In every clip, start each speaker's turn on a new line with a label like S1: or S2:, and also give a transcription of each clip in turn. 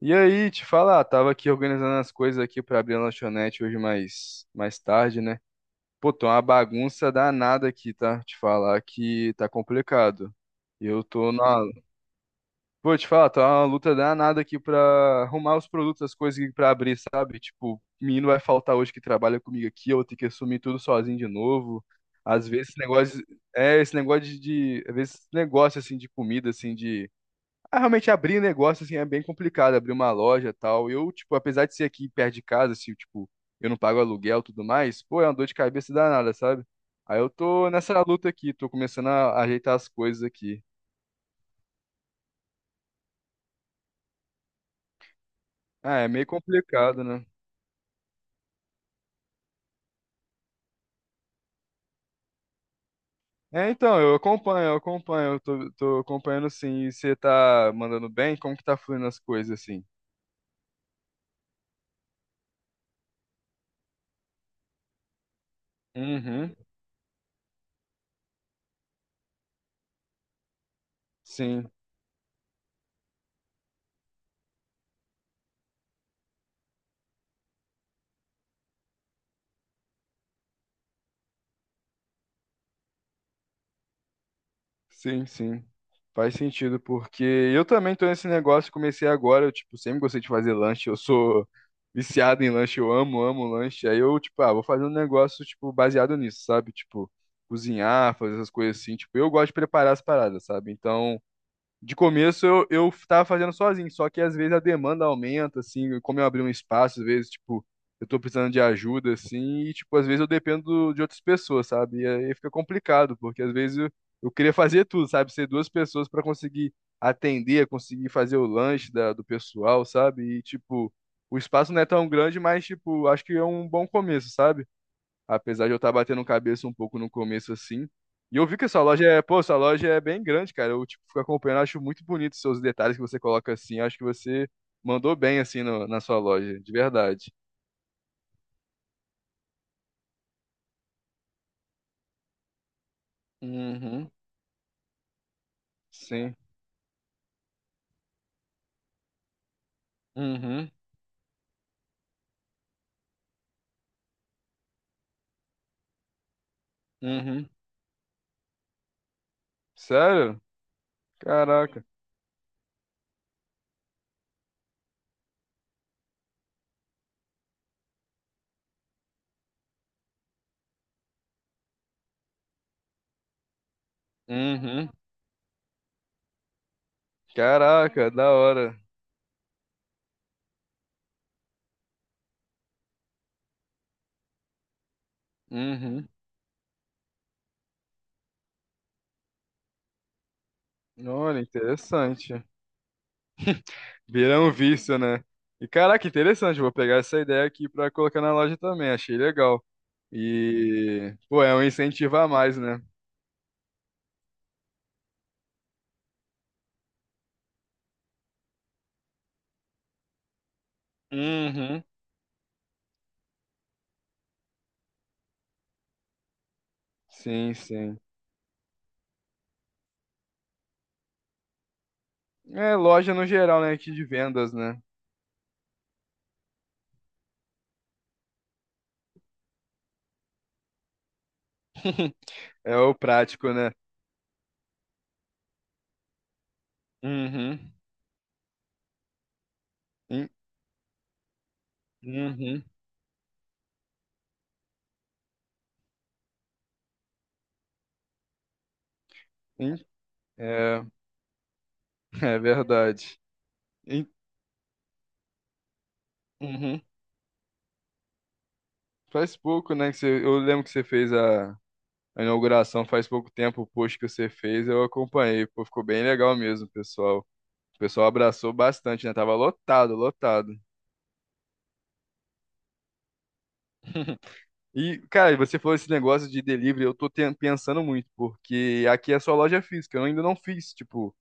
S1: E aí, te falar, tava aqui organizando as coisas aqui pra abrir a lanchonete hoje mais tarde, né? Pô, tô uma bagunça danada aqui, tá? Te falar que tá complicado. Eu tô na. Pô, te falar, tá uma luta danada aqui pra arrumar os produtos, as coisas aqui pra abrir, sabe? Tipo, menino vai faltar hoje que trabalha comigo aqui, eu vou ter que assumir tudo sozinho de novo. Às vezes esse negócio. É, esse negócio Às vezes esse negócio, assim, de comida, assim, realmente abrir um negócio assim é bem complicado, abrir uma loja e tal. Eu, tipo, apesar de ser aqui perto de casa, assim, tipo, eu não pago aluguel e tudo mais, pô, é uma dor de cabeça danada, sabe? Aí eu tô nessa luta aqui, tô começando a ajeitar as coisas aqui. Ah, é meio complicado, né? É, então, eu acompanho, eu tô acompanhando sim. E você tá mandando bem? Como que tá fluindo as coisas assim? Uhum, sim. Sim, sim. Faz sentido, porque eu também tô nesse negócio, comecei agora, eu, tipo, sempre gostei de fazer lanche, eu sou viciado em lanche, eu amo, amo lanche. Aí eu, tipo, vou fazer um negócio, tipo, baseado nisso, sabe? Tipo, cozinhar, fazer essas coisas assim, tipo, eu gosto de preparar as paradas, sabe? Então, de começo eu tava fazendo sozinho, só que às vezes a demanda aumenta, assim, como eu abri um espaço, às vezes, tipo, eu tô precisando de ajuda, assim, e, tipo, às vezes eu dependo de outras pessoas, sabe? E aí fica complicado, porque às vezes eu queria fazer tudo, sabe? Ser duas pessoas pra conseguir atender, conseguir fazer o lanche do pessoal, sabe? E, tipo, o espaço não é tão grande, mas, tipo, acho que é um bom começo, sabe? Apesar de eu estar batendo cabeça um pouco no começo assim. E eu vi que essa loja é, pô, essa loja é bem grande, cara. Eu tipo fico acompanhando, acho muito bonito os seus detalhes que você coloca assim. Acho que você mandou bem assim na sua loja, de verdade. Uhum, sim. Uhum, uhum. Sério? Caraca. Uhum. Caraca, da hora. Uhum. Olha, interessante. Vira um vício, né? E caraca, interessante. Vou pegar essa ideia aqui pra colocar na loja também. Achei legal. E, pô, é um incentivo a mais, né? Uhum. Sim, sim. É loja no geral, né? Aqui de vendas, né? É o prático, né? Uhum. Em- Uhum. Em- É, é verdade. Em- Uhum. Faz pouco, né? Que você, eu lembro que você fez a inauguração faz pouco tempo, o post que você fez, eu acompanhei. Pô, ficou bem legal mesmo, pessoal. O pessoal abraçou bastante, né? Tava lotado, lotado. E, cara, você falou esse negócio de delivery, eu tô pensando muito, porque aqui é só loja física, eu ainda não fiz, tipo,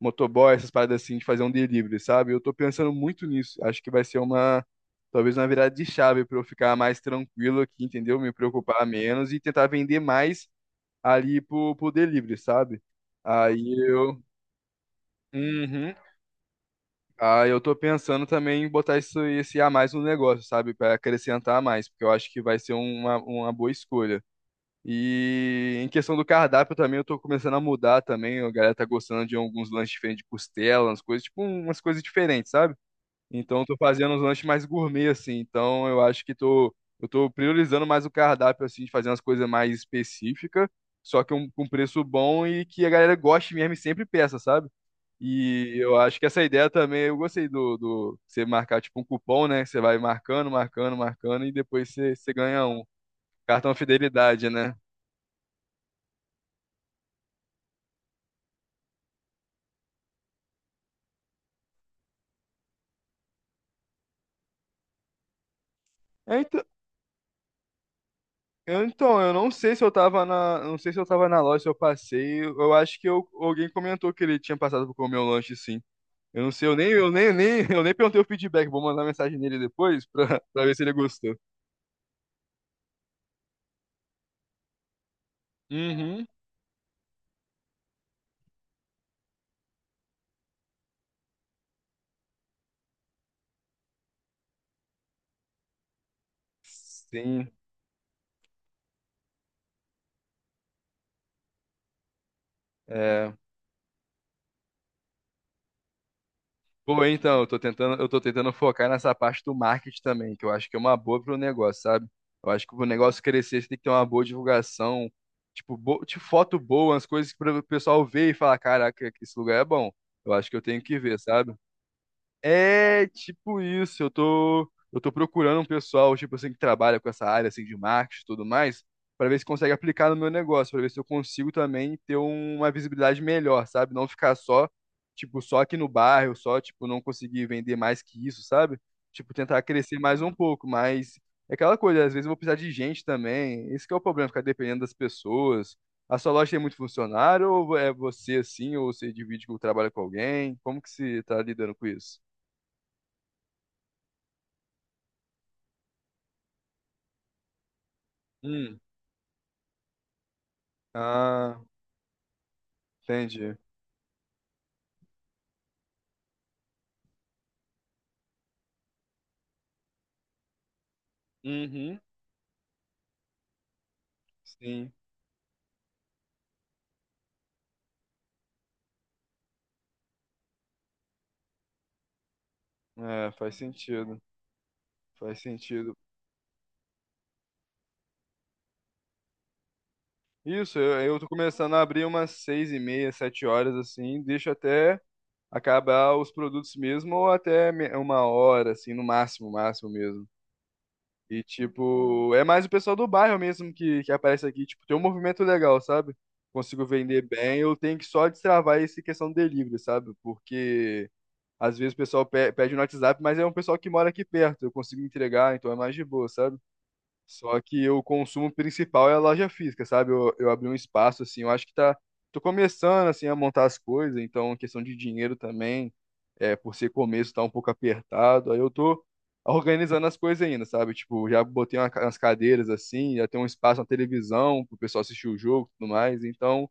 S1: motoboy, essas paradas assim, de fazer um delivery, sabe? Eu tô pensando muito nisso. Acho que vai ser talvez uma virada de chave pra eu ficar mais tranquilo aqui, entendeu? Me preocupar menos e tentar vender mais ali pro delivery, sabe? Aí eu. Uhum. Ah, eu tô pensando também em botar isso, esse a mais no negócio, sabe? Para acrescentar mais, porque eu acho que vai ser uma boa escolha. E em questão do cardápio também, eu tô começando a mudar também. A galera tá gostando de alguns lanches diferentes de costela, umas coisas, tipo, umas coisas diferentes, sabe? Então eu tô fazendo uns lanches mais gourmet, assim. Então eu acho que tô, eu tô priorizando mais o cardápio, assim, de fazer umas coisas mais específicas, só que um, com preço bom e que a galera goste mesmo e sempre peça, sabe? E eu acho que essa ideia também, eu gostei do você marcar tipo um cupom, né? Que você vai marcando, marcando, marcando e depois você, você ganha um cartão fidelidade, né? É, então, então, eu não sei se eu tava na loja, se eu passei. Eu acho que alguém comentou que ele tinha passado por comer o lanche, sim. Eu não sei, eu nem, nem, eu nem perguntei o feedback. Vou mandar mensagem nele depois pra ver se ele gostou. Uhum. Sim. É. Pô, então, eu tô tentando focar nessa parte do marketing também, que eu acho que é uma boa pro negócio, sabe? Eu acho que pro negócio crescer, você tem que ter uma boa divulgação, tipo, bo tipo foto boa, as coisas para o pessoal ver e falar, caraca, que esse lugar é bom. Eu acho que eu tenho que ver, sabe? É tipo isso, eu tô procurando um pessoal, tipo assim, que trabalha com essa área assim de marketing e tudo mais, pra ver se consegue aplicar no meu negócio, pra ver se eu consigo também ter uma visibilidade melhor, sabe? Não ficar só, tipo, só aqui no bairro, só, tipo, não conseguir vender mais que isso, sabe? Tipo, tentar crescer mais um pouco, mas é aquela coisa, às vezes eu vou precisar de gente também. Esse que é o problema, ficar dependendo das pessoas. A sua loja tem muito funcionário ou é você assim, ou você divide que trabalha com alguém? Como que você tá lidando com isso? Hum. Ah, entendi. Uhum. Sim, é, faz sentido, faz sentido. Isso, eu tô começando a abrir umas seis e meia, sete horas, assim, deixo até acabar os produtos mesmo, ou até uma hora, assim, no máximo, máximo mesmo. E, tipo, é mais o pessoal do bairro mesmo que aparece aqui, tipo, tem um movimento legal, sabe? Consigo vender bem, eu tenho que só destravar essa questão do delivery, sabe? Porque... Às vezes o pessoal pede no WhatsApp, mas é um pessoal que mora aqui perto, eu consigo entregar, então é mais de boa, sabe? Só que o consumo principal é a loja física, sabe? Eu abri um espaço, assim, eu acho que tá. Tô começando, assim, a montar as coisas, então é questão de dinheiro também, é, por ser começo, tá um pouco apertado, aí eu tô organizando as coisas ainda, sabe? Tipo, já botei umas cadeiras, assim, já tem um espaço na televisão pro pessoal assistir o jogo e tudo mais, então.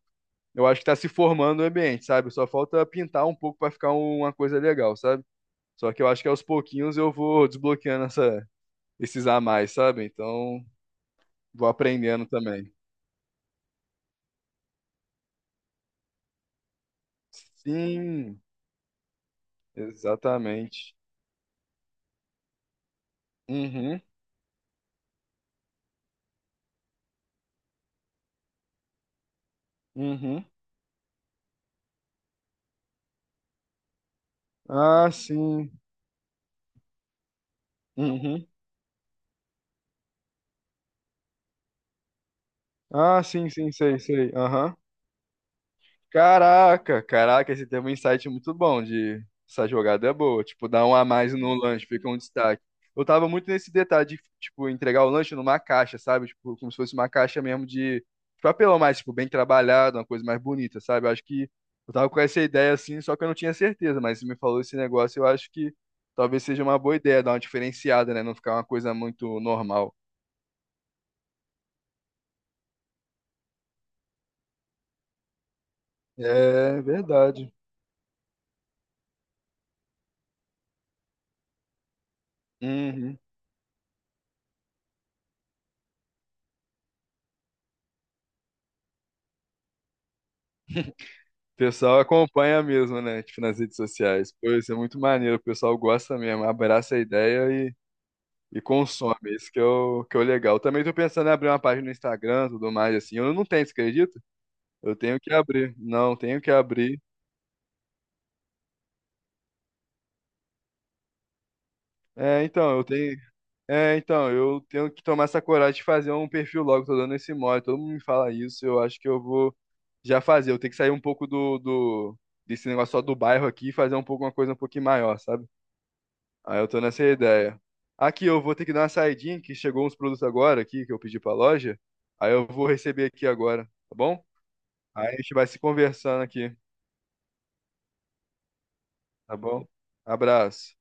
S1: Eu acho que tá se formando o ambiente, sabe? Só falta pintar um pouco pra ficar uma coisa legal, sabe? Só que eu acho que aos pouquinhos eu vou desbloqueando esses a mais, sabe? Então, vou aprendendo também. Sim, exatamente. Uhum, uhum. Ah, sim. Uhum. Ah, sim, sim, sei, sei. Aham. Caraca, caraca, esse tem um insight muito bom de essa jogada é boa, tipo, dar um a mais no lanche, fica um destaque. Eu tava muito nesse detalhe de, tipo, entregar o lanche numa caixa, sabe? Tipo, como se fosse uma caixa mesmo de papelão mais, tipo, bem trabalhado, uma coisa mais bonita, sabe? Eu acho que eu tava com essa ideia assim, só que eu não tinha certeza, mas você me falou esse negócio, eu acho que talvez seja uma boa ideia, dar uma diferenciada, né? Não ficar uma coisa muito normal. É verdade. Uhum. O pessoal acompanha mesmo, né? Tipo, nas redes sociais. Pô, isso é muito maneiro. O pessoal gosta mesmo, abraça a ideia e consome. Isso que é o legal. Também tô pensando em abrir uma página no Instagram, tudo mais, assim. Eu não tenho, você acredita? Eu tenho que abrir. Não, tenho que abrir. É, então, eu tenho. É, então, eu tenho que tomar essa coragem de fazer um perfil logo. Tô dando esse mole. Todo mundo me fala isso. Eu acho que eu vou já fazer. Eu tenho que sair um pouco do, do desse negócio só do bairro aqui e fazer um pouco uma coisa um pouquinho maior, sabe? Aí eu tô nessa ideia. Aqui eu vou ter que dar uma saidinha, que chegou uns produtos agora aqui que eu pedi pra loja. Aí eu vou receber aqui agora, tá bom? Aí a gente vai se conversando aqui, tá bom? Abraço.